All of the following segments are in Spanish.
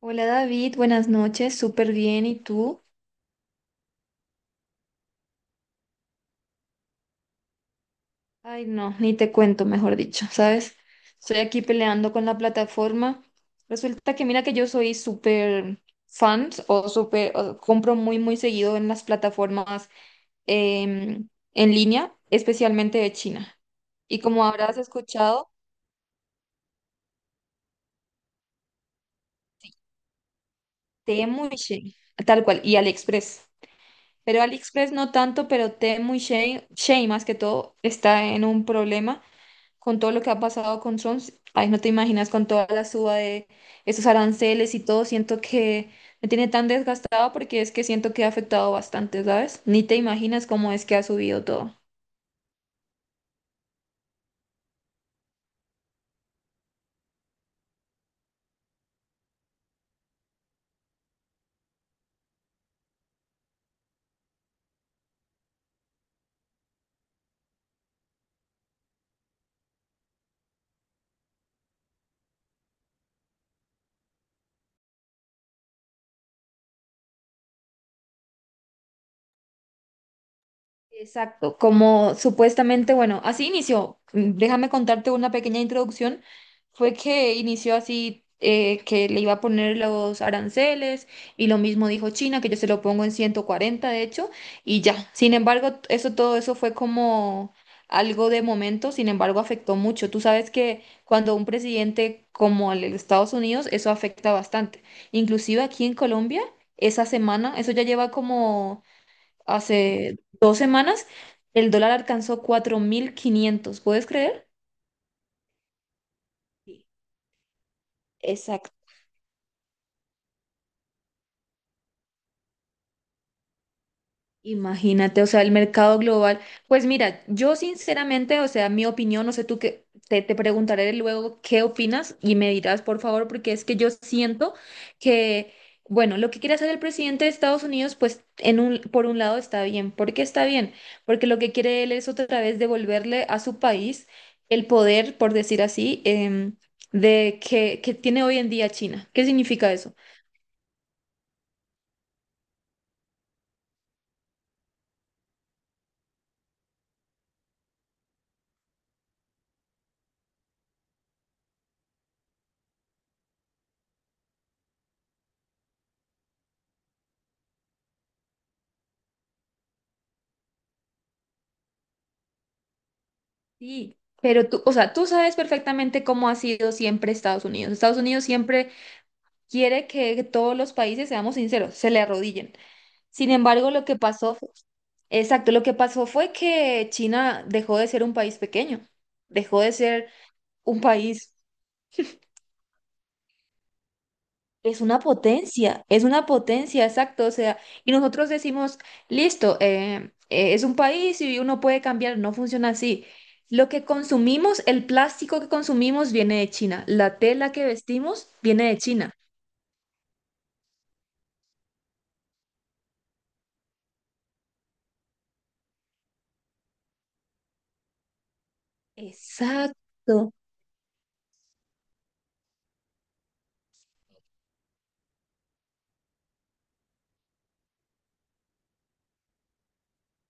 Hola David, buenas noches, súper bien. ¿Y tú? Ay, no, ni te cuento, mejor dicho, ¿sabes? Estoy aquí peleando con la plataforma. Resulta que mira que yo soy súper fan o compro muy, muy seguido en las plataformas em, en línea, especialmente de China. Y como habrás escuchado, Temu y Shein, tal cual, y AliExpress. Pero AliExpress no tanto, pero Temu y Shein, Shein más que todo, está en un problema con todo lo que ha pasado con Trump, ay, no te imaginas con toda la suba de esos aranceles y todo, siento que me tiene tan desgastado porque es que siento que ha afectado bastante, ¿sabes? Ni te imaginas cómo es que ha subido todo. Exacto, como supuestamente, bueno, así inició. Déjame contarte una pequeña introducción. Fue que inició así, que le iba a poner los aranceles y lo mismo dijo China, que yo se lo pongo en 140 de hecho, y ya. Sin embargo, t- eso todo eso fue como algo de momento, sin embargo, afectó mucho. Tú sabes que cuando un presidente como el de Estados Unidos, eso afecta bastante. Inclusive aquí en Colombia, esa semana, eso ya lleva como hace 2 semanas, el dólar alcanzó 4.500. ¿Puedes creer? Sí. Imagínate, o sea, el mercado global. Pues mira, yo sinceramente, o sea, mi opinión, no sé tú qué, te preguntaré luego qué opinas y me dirás, por favor, porque es que yo siento que, bueno, lo que quiere hacer el presidente de Estados Unidos, pues por un lado está bien. ¿Por qué está bien? Porque lo que quiere él es otra vez devolverle a su país el poder, por decir así, de que tiene hoy en día China. ¿Qué significa eso? Sí, pero tú, o sea, tú sabes perfectamente cómo ha sido siempre Estados Unidos. Estados Unidos siempre quiere que todos los países, seamos sinceros, se le arrodillen. Sin embargo, lo que pasó, exacto, lo que pasó fue que China dejó de ser un país pequeño, dejó de ser un país. Es una potencia, exacto. O sea, y nosotros decimos, listo, es un país y uno puede cambiar, no funciona así. Lo que consumimos, el plástico que consumimos viene de China, la tela que vestimos viene de China. Exacto.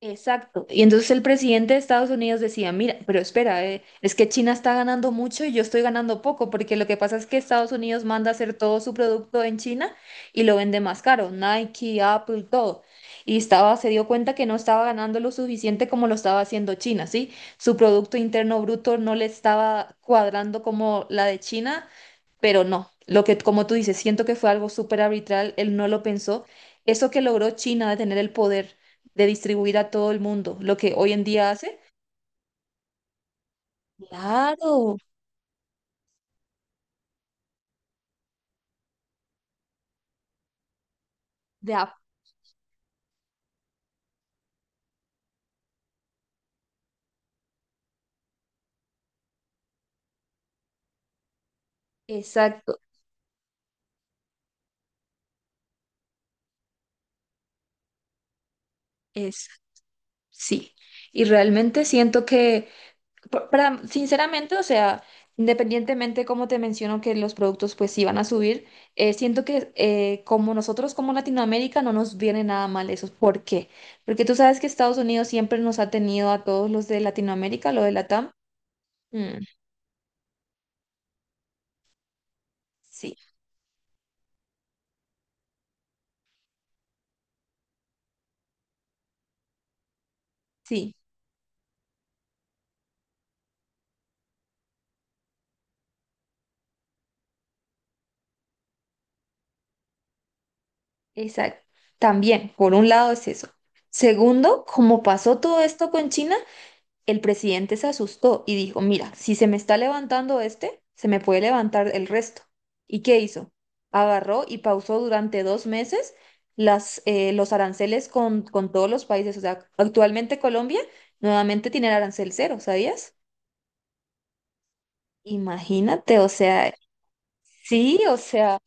Exacto. Y entonces el presidente de Estados Unidos decía, mira, pero espera, es que China está ganando mucho y yo estoy ganando poco, porque lo que pasa es que Estados Unidos manda a hacer todo su producto en China y lo vende más caro, Nike, Apple, todo. Y se dio cuenta que no estaba ganando lo suficiente como lo estaba haciendo China, ¿sí? Su producto interno bruto no le estaba cuadrando como la de China, pero no, lo que, como tú dices, siento que fue algo súper arbitral, él no lo pensó. Eso que logró China de tener el poder de distribuir a todo el mundo, lo que hoy en día hace. Claro, de a- exacto, es, sí. Y realmente siento que para, sinceramente, o sea, independientemente como te menciono que los productos pues sí van a subir, siento que como nosotros como Latinoamérica no nos viene nada mal eso. ¿Por qué? Porque tú sabes que Estados Unidos siempre nos ha tenido a todos los de Latinoamérica, lo de Latam. Mm, sí, sí, exacto. También, por un lado es eso. Segundo, como pasó todo esto con China. El presidente se asustó y dijo, mira, si se me está levantando este, se me puede levantar el resto. ¿Y qué hizo? Agarró y pausó durante 2 meses los aranceles con todos los países. O sea, actualmente Colombia nuevamente tiene el arancel cero, ¿sabías? Imagínate, o sea, sí, o sea...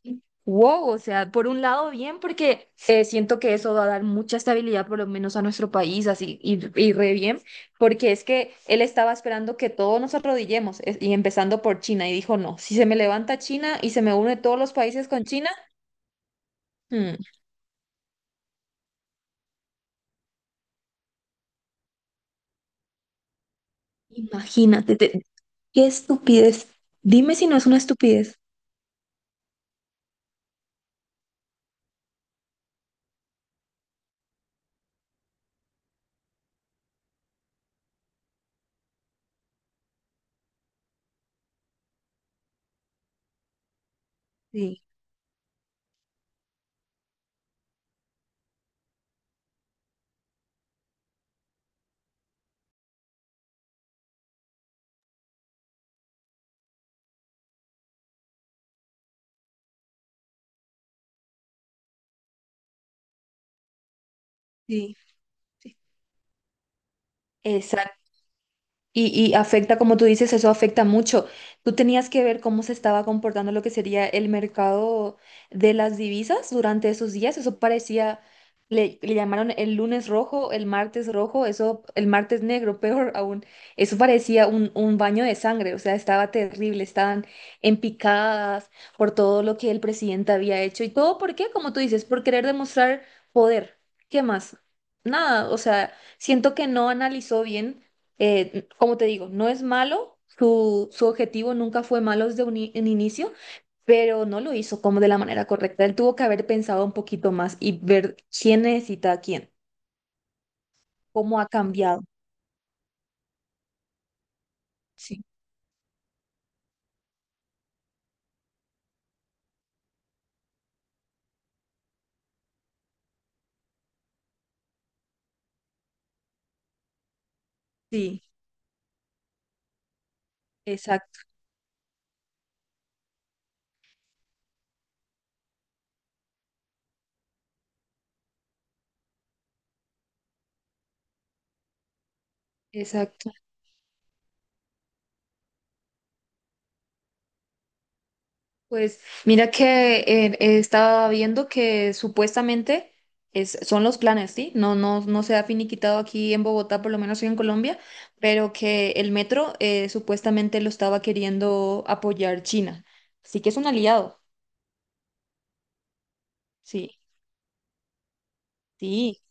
Wow, o sea, por un lado bien, porque siento que eso va a dar mucha estabilidad por lo menos a nuestro país, así, y re bien, porque es que él estaba esperando que todos nos arrodillemos, y empezando por China, y dijo, no, si se me levanta China y se me une todos los países con China, hmm, imagínate, qué estupidez. Dime si no es una estupidez. Sí, sí, sí. Y afecta, como tú dices, eso afecta mucho. Tú tenías que ver cómo se estaba comportando lo que sería el mercado de las divisas durante esos días. Eso parecía, le llamaron el lunes rojo, el martes rojo, eso, el martes negro, peor aún. Eso parecía un baño de sangre, o sea, estaba terrible, estaban empicadas por todo lo que el presidente había hecho. ¿Y todo por qué? Como tú dices, por querer demostrar poder. ¿Qué más? Nada, o sea, siento que no analizó bien como te digo, no es malo, su objetivo nunca fue malo desde un inicio, pero no lo hizo como de la manera correcta. Él tuvo que haber pensado un poquito más y ver quién necesita a quién, cómo ha cambiado. Sí, sí, exacto, exacto. Pues mira que estaba viendo que supuestamente son los planes, ¿sí? No, no, no se ha finiquitado aquí en Bogotá, por lo menos en Colombia, pero que el metro supuestamente lo estaba queriendo apoyar China. Así que es un aliado, sí, sí.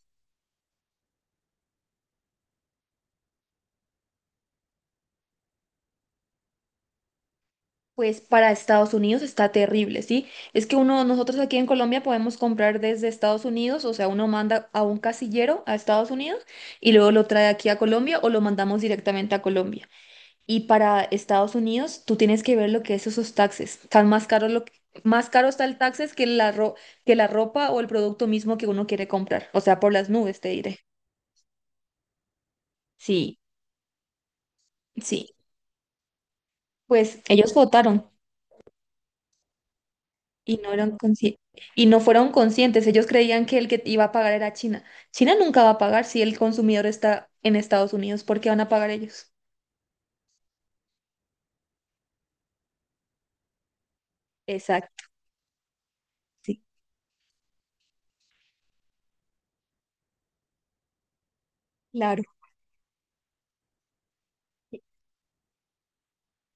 Pues para Estados Unidos está terrible, ¿sí? Es que uno, nosotros aquí en Colombia podemos comprar desde Estados Unidos, o sea, uno manda a un casillero a Estados Unidos y luego lo trae aquí a Colombia o lo mandamos directamente a Colombia. Y para Estados Unidos, tú tienes que ver lo que es esos taxes. Están más caros lo que- más caro está el taxes que que la ropa o el producto mismo que uno quiere comprar. O sea, por las nubes, te diré. Sí, sí. Pues ellos votaron y no eran consci- y no fueron conscientes. Ellos creían que el que iba a pagar era China. China nunca va a pagar si el consumidor está en Estados Unidos, ¿por qué van a pagar ellos? Exacto, sí, claro.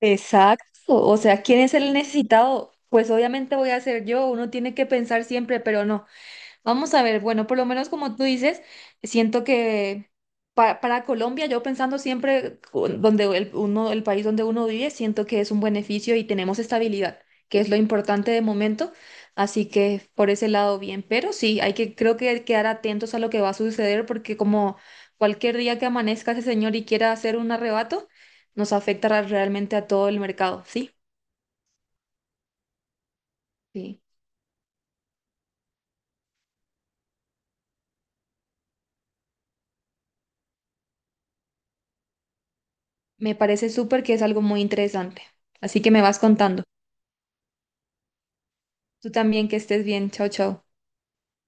Exacto, o sea, ¿quién es el necesitado? Pues obviamente voy a ser yo, uno tiene que pensar siempre, pero no. Vamos a ver, bueno, por lo menos como tú dices, siento que para, Colombia, yo pensando siempre el país donde uno vive, siento que es un beneficio y tenemos estabilidad, que es lo importante de momento. Así que por ese lado bien, pero sí, hay que creo que quedar atentos a lo que va a suceder porque como cualquier día que amanezca ese señor y quiera hacer un arrebato, nos afecta realmente a todo el mercado, ¿sí? Sí. Me parece súper que es algo muy interesante. Así que me vas contando. Tú también que estés bien. Chao, chao.